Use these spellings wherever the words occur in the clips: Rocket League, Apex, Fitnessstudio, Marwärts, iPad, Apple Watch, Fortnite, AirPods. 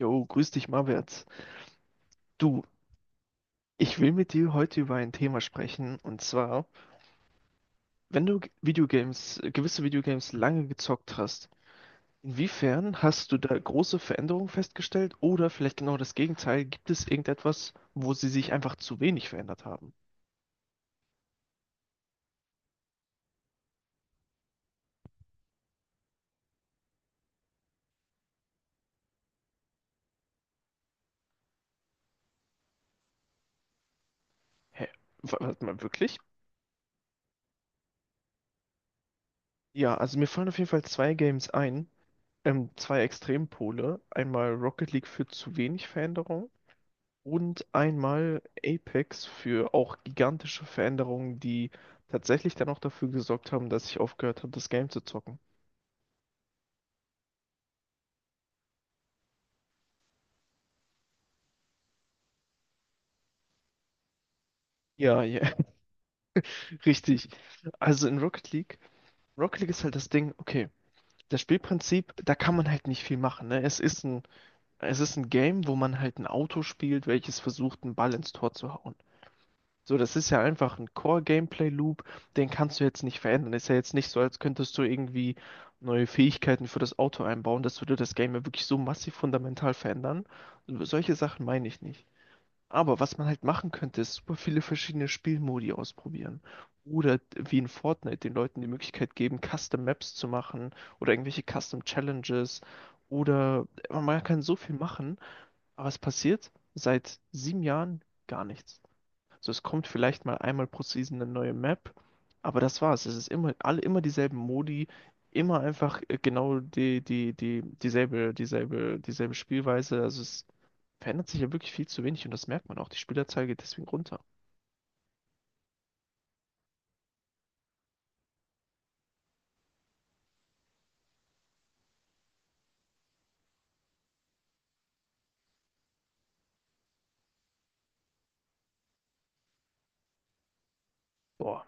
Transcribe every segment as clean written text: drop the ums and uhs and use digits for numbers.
Jo, grüß dich, Marwärts. Du, ich will mit dir heute über ein Thema sprechen, und zwar, wenn du Videogames, gewisse Videogames lange gezockt hast, inwiefern hast du da große Veränderungen festgestellt oder vielleicht genau das Gegenteil? Gibt es irgendetwas, wo sie sich einfach zu wenig verändert haben? Hä? Warte mal, wirklich? Ja, also mir fallen auf jeden Fall zwei Games ein, zwei Extrempole. Einmal Rocket League führt zu wenig Veränderung, und einmal Apex für auch gigantische Veränderungen, die tatsächlich dann auch dafür gesorgt haben, dass ich aufgehört habe, das Game zu zocken. Ja, ja, richtig. Also in Rocket League, Rocket League ist halt das Ding, okay, das Spielprinzip, da kann man halt nicht viel machen, ne? Es ist ein Game, wo man halt ein Auto spielt, welches versucht, einen Ball ins Tor zu hauen. So, das ist ja einfach ein Core-Gameplay-Loop, den kannst du jetzt nicht verändern. Ist ja jetzt nicht so, als könntest du irgendwie neue Fähigkeiten für das Auto einbauen. Das würde das Game ja wirklich so massiv fundamental verändern. Solche Sachen meine ich nicht. Aber was man halt machen könnte, ist super viele verschiedene Spielmodi ausprobieren. Oder wie in Fortnite den Leuten die Möglichkeit geben, Custom Maps zu machen oder irgendwelche Custom Challenges. Oder man kann so viel machen, aber es passiert seit sieben Jahren gar nichts. So, es kommt vielleicht mal einmal pro Season eine neue Map, aber das war's. Es ist immer, alle immer dieselben Modi, immer einfach genau dieselbe Spielweise. Also es verändert sich ja wirklich viel zu wenig und das merkt man auch. Die Spielerzahl geht deswegen runter. Boah,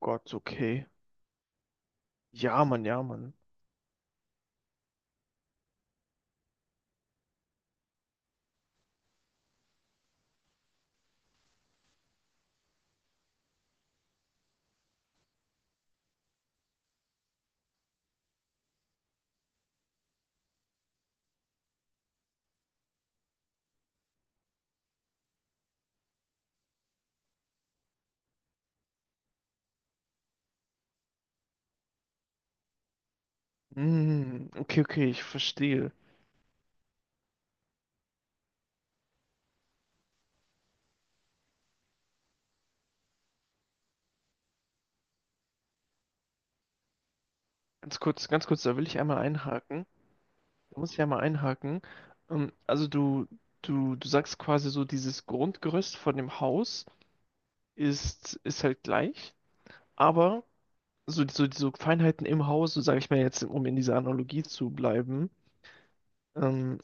Gott, okay. Ja, Mann, ja, Mann. Mm, okay, okay, ich verstehe. Ganz kurz, da will ich einmal einhaken. Da muss ich einmal einhaken. Also du sagst quasi so dieses Grundgerüst von dem Haus ist halt gleich, aber so Feinheiten im Haus, so sage ich mal jetzt, um in dieser Analogie zu bleiben, ähm,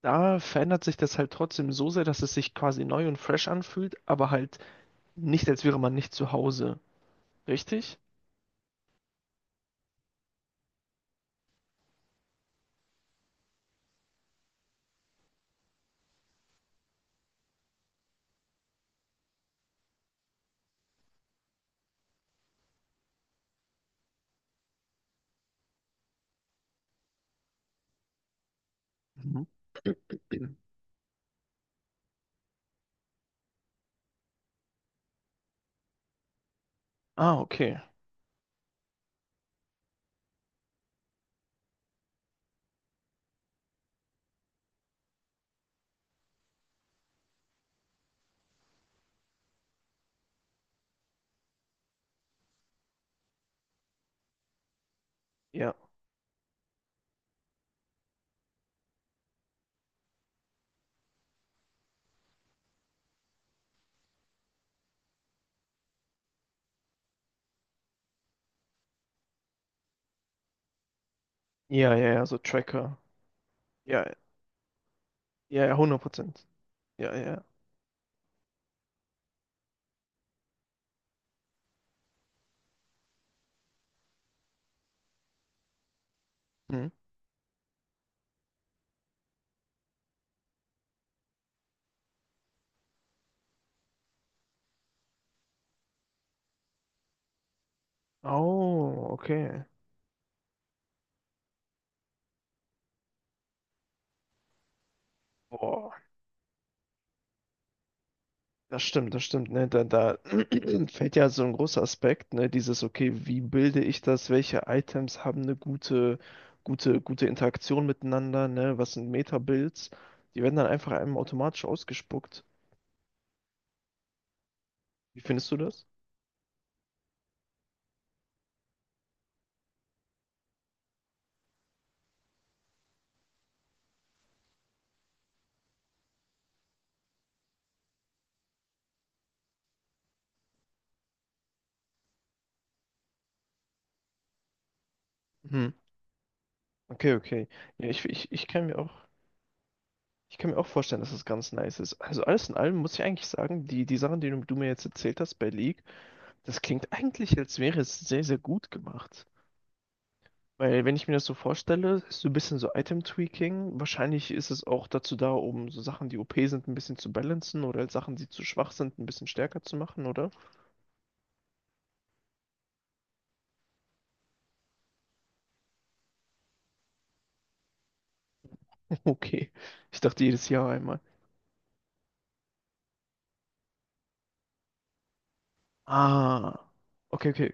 da verändert sich das halt trotzdem so sehr, dass es sich quasi neu und fresh anfühlt, aber halt nicht, als wäre man nicht zu Hause. Richtig? Mhm. Ah, okay. Ja. Ja, ja, ja, so Tracker. Ja, ja, ja, hundert Prozent. Ja, ja. Hm. Oh, okay. Boah. Das stimmt, ne? Da fällt ja so ein großer Aspekt, ne? Dieses, okay, wie bilde ich das? Welche Items haben eine gute Interaktion miteinander, ne? Was sind Meta-Builds? Die werden dann einfach einem automatisch ausgespuckt. Wie findest du das? Mhm. Okay, okay. Ja, ich kann mir auch vorstellen, dass das ganz nice ist. Also alles in allem muss ich eigentlich sagen, die Sachen, die du mir jetzt erzählt hast bei League, das klingt eigentlich, als wäre es sehr, sehr gut gemacht. Weil wenn ich mir das so vorstelle, ist so ein bisschen so Item-Tweaking. Wahrscheinlich ist es auch dazu da, um so Sachen, die OP sind, ein bisschen zu balancen oder halt Sachen, die zu schwach sind, ein bisschen stärker zu machen, oder? Okay. Ich dachte jedes Jahr einmal. Ah. Okay, okay.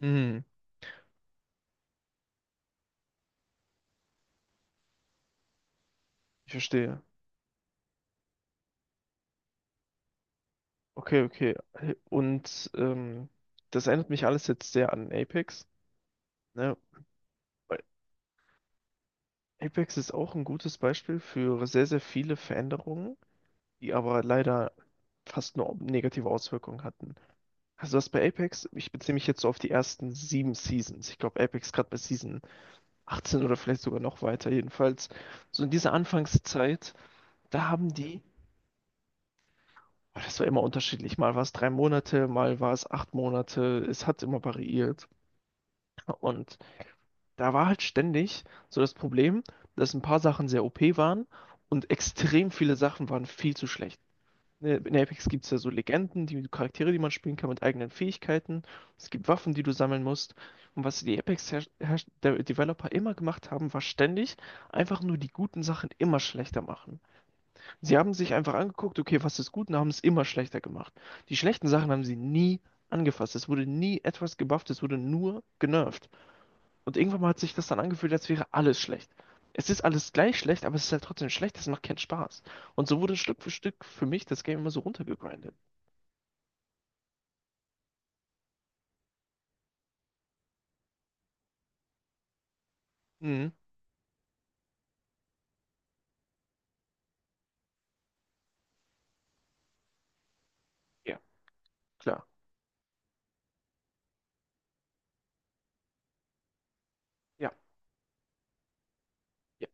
Hm, ich verstehe. Okay, okay. Und das erinnert mich alles jetzt sehr an Apex, ne? Weil Apex ist auch ein gutes Beispiel für sehr, sehr viele Veränderungen, die aber leider fast nur negative Auswirkungen hatten. Also das bei Apex, ich beziehe mich jetzt so auf die ersten sieben Seasons. Ich glaube, Apex gerade bei Season 18 oder vielleicht sogar noch weiter. Jedenfalls, so in dieser Anfangszeit, da haben die, oh, das war immer unterschiedlich. Mal war es drei Monate, mal war es acht Monate. Es hat immer variiert. Und da war halt ständig so das Problem, dass ein paar Sachen sehr OP waren und extrem viele Sachen waren viel zu schlecht. Ne, in Apex gibt es ja so Legenden, die Charaktere, die man spielen kann mit eigenen Fähigkeiten. Es gibt Waffen, die du sammeln musst. Und was die Apex-Developer immer gemacht haben, war ständig einfach nur die guten Sachen immer schlechter machen. Sie haben sich einfach angeguckt, okay, was ist gut, und haben es immer schlechter gemacht. Die schlechten Sachen haben sie nie angefasst. Es wurde nie etwas gebufft, es wurde nur genervt. Und irgendwann mal hat sich das dann angefühlt, als wäre alles schlecht. Es ist alles gleich schlecht, aber es ist halt trotzdem schlecht, es macht keinen Spaß. Und so wurde Stück für mich das Game immer so runtergegrindet. Mhm. Ja, klar. Ja. Ja,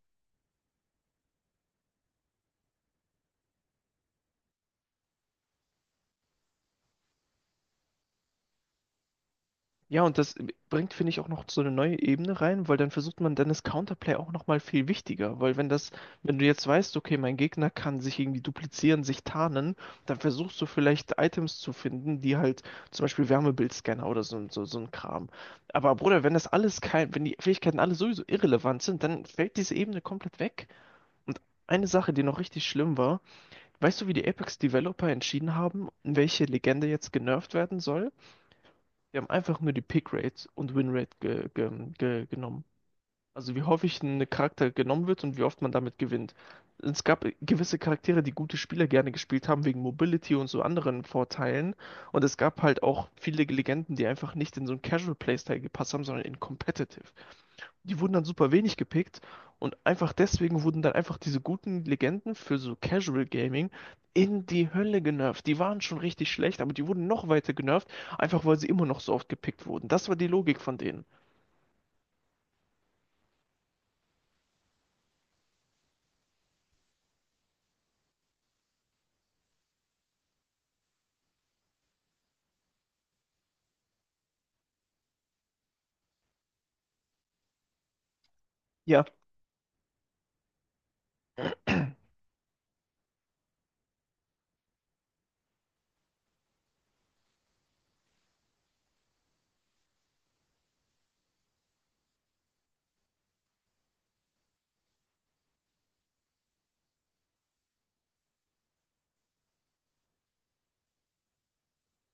ja, und das bringt, finde ich, auch noch so eine neue Ebene rein, weil dann versucht man, dann ist Counterplay auch nochmal viel wichtiger, weil wenn das, wenn du jetzt weißt, okay, mein Gegner kann sich irgendwie duplizieren, sich tarnen, dann versuchst du vielleicht Items zu finden, die halt zum Beispiel Wärmebildscanner oder so ein Kram. Aber Bruder, wenn das alles kein, wenn die Fähigkeiten alle sowieso irrelevant sind, dann fällt diese Ebene komplett weg. Und eine Sache, die noch richtig schlimm war, weißt du, wie die Apex-Developer entschieden haben, welche Legende jetzt genervt werden soll? Wir haben einfach nur die Pickrate und Winrate ge ge ge genommen. Also wie häufig ein Charakter genommen wird und wie oft man damit gewinnt. Es gab gewisse Charaktere, die gute Spieler gerne gespielt haben, wegen Mobility und so anderen Vorteilen. Und es gab halt auch viele Legenden, die einfach nicht in so ein Casual Playstyle gepasst haben, sondern in Competitive, die wurden dann super wenig gepickt und einfach deswegen wurden dann einfach diese guten Legenden für so Casual Gaming in die Hölle genervt. Die waren schon richtig schlecht, aber die wurden noch weiter genervt, einfach weil sie immer noch so oft gepickt wurden. Das war die Logik von denen. Ja.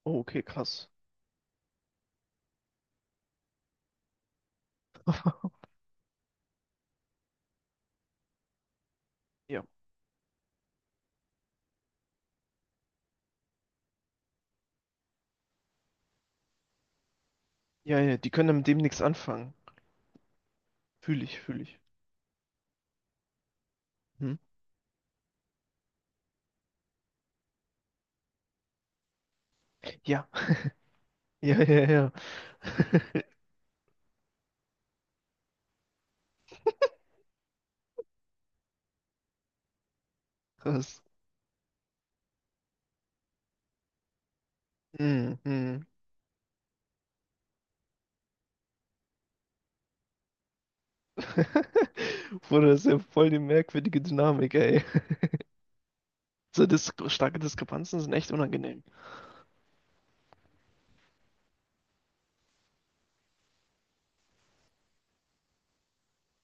Oh, okay, krass. Ja, ja, ja, die können dann mit dem nichts anfangen. Fühl ich, fühl ich. Hm? Ja, ja, ja, ja. Krass. Hm, hm. Bruder, das ist ja voll die merkwürdige Dynamik, ey. So dis starke Diskrepanzen sind echt unangenehm.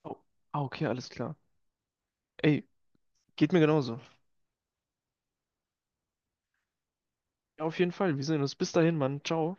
Oh. Ah, okay, alles klar. Ey, geht mir genauso. Ja, auf jeden Fall. Wir sehen uns. Bis dahin, Mann. Ciao.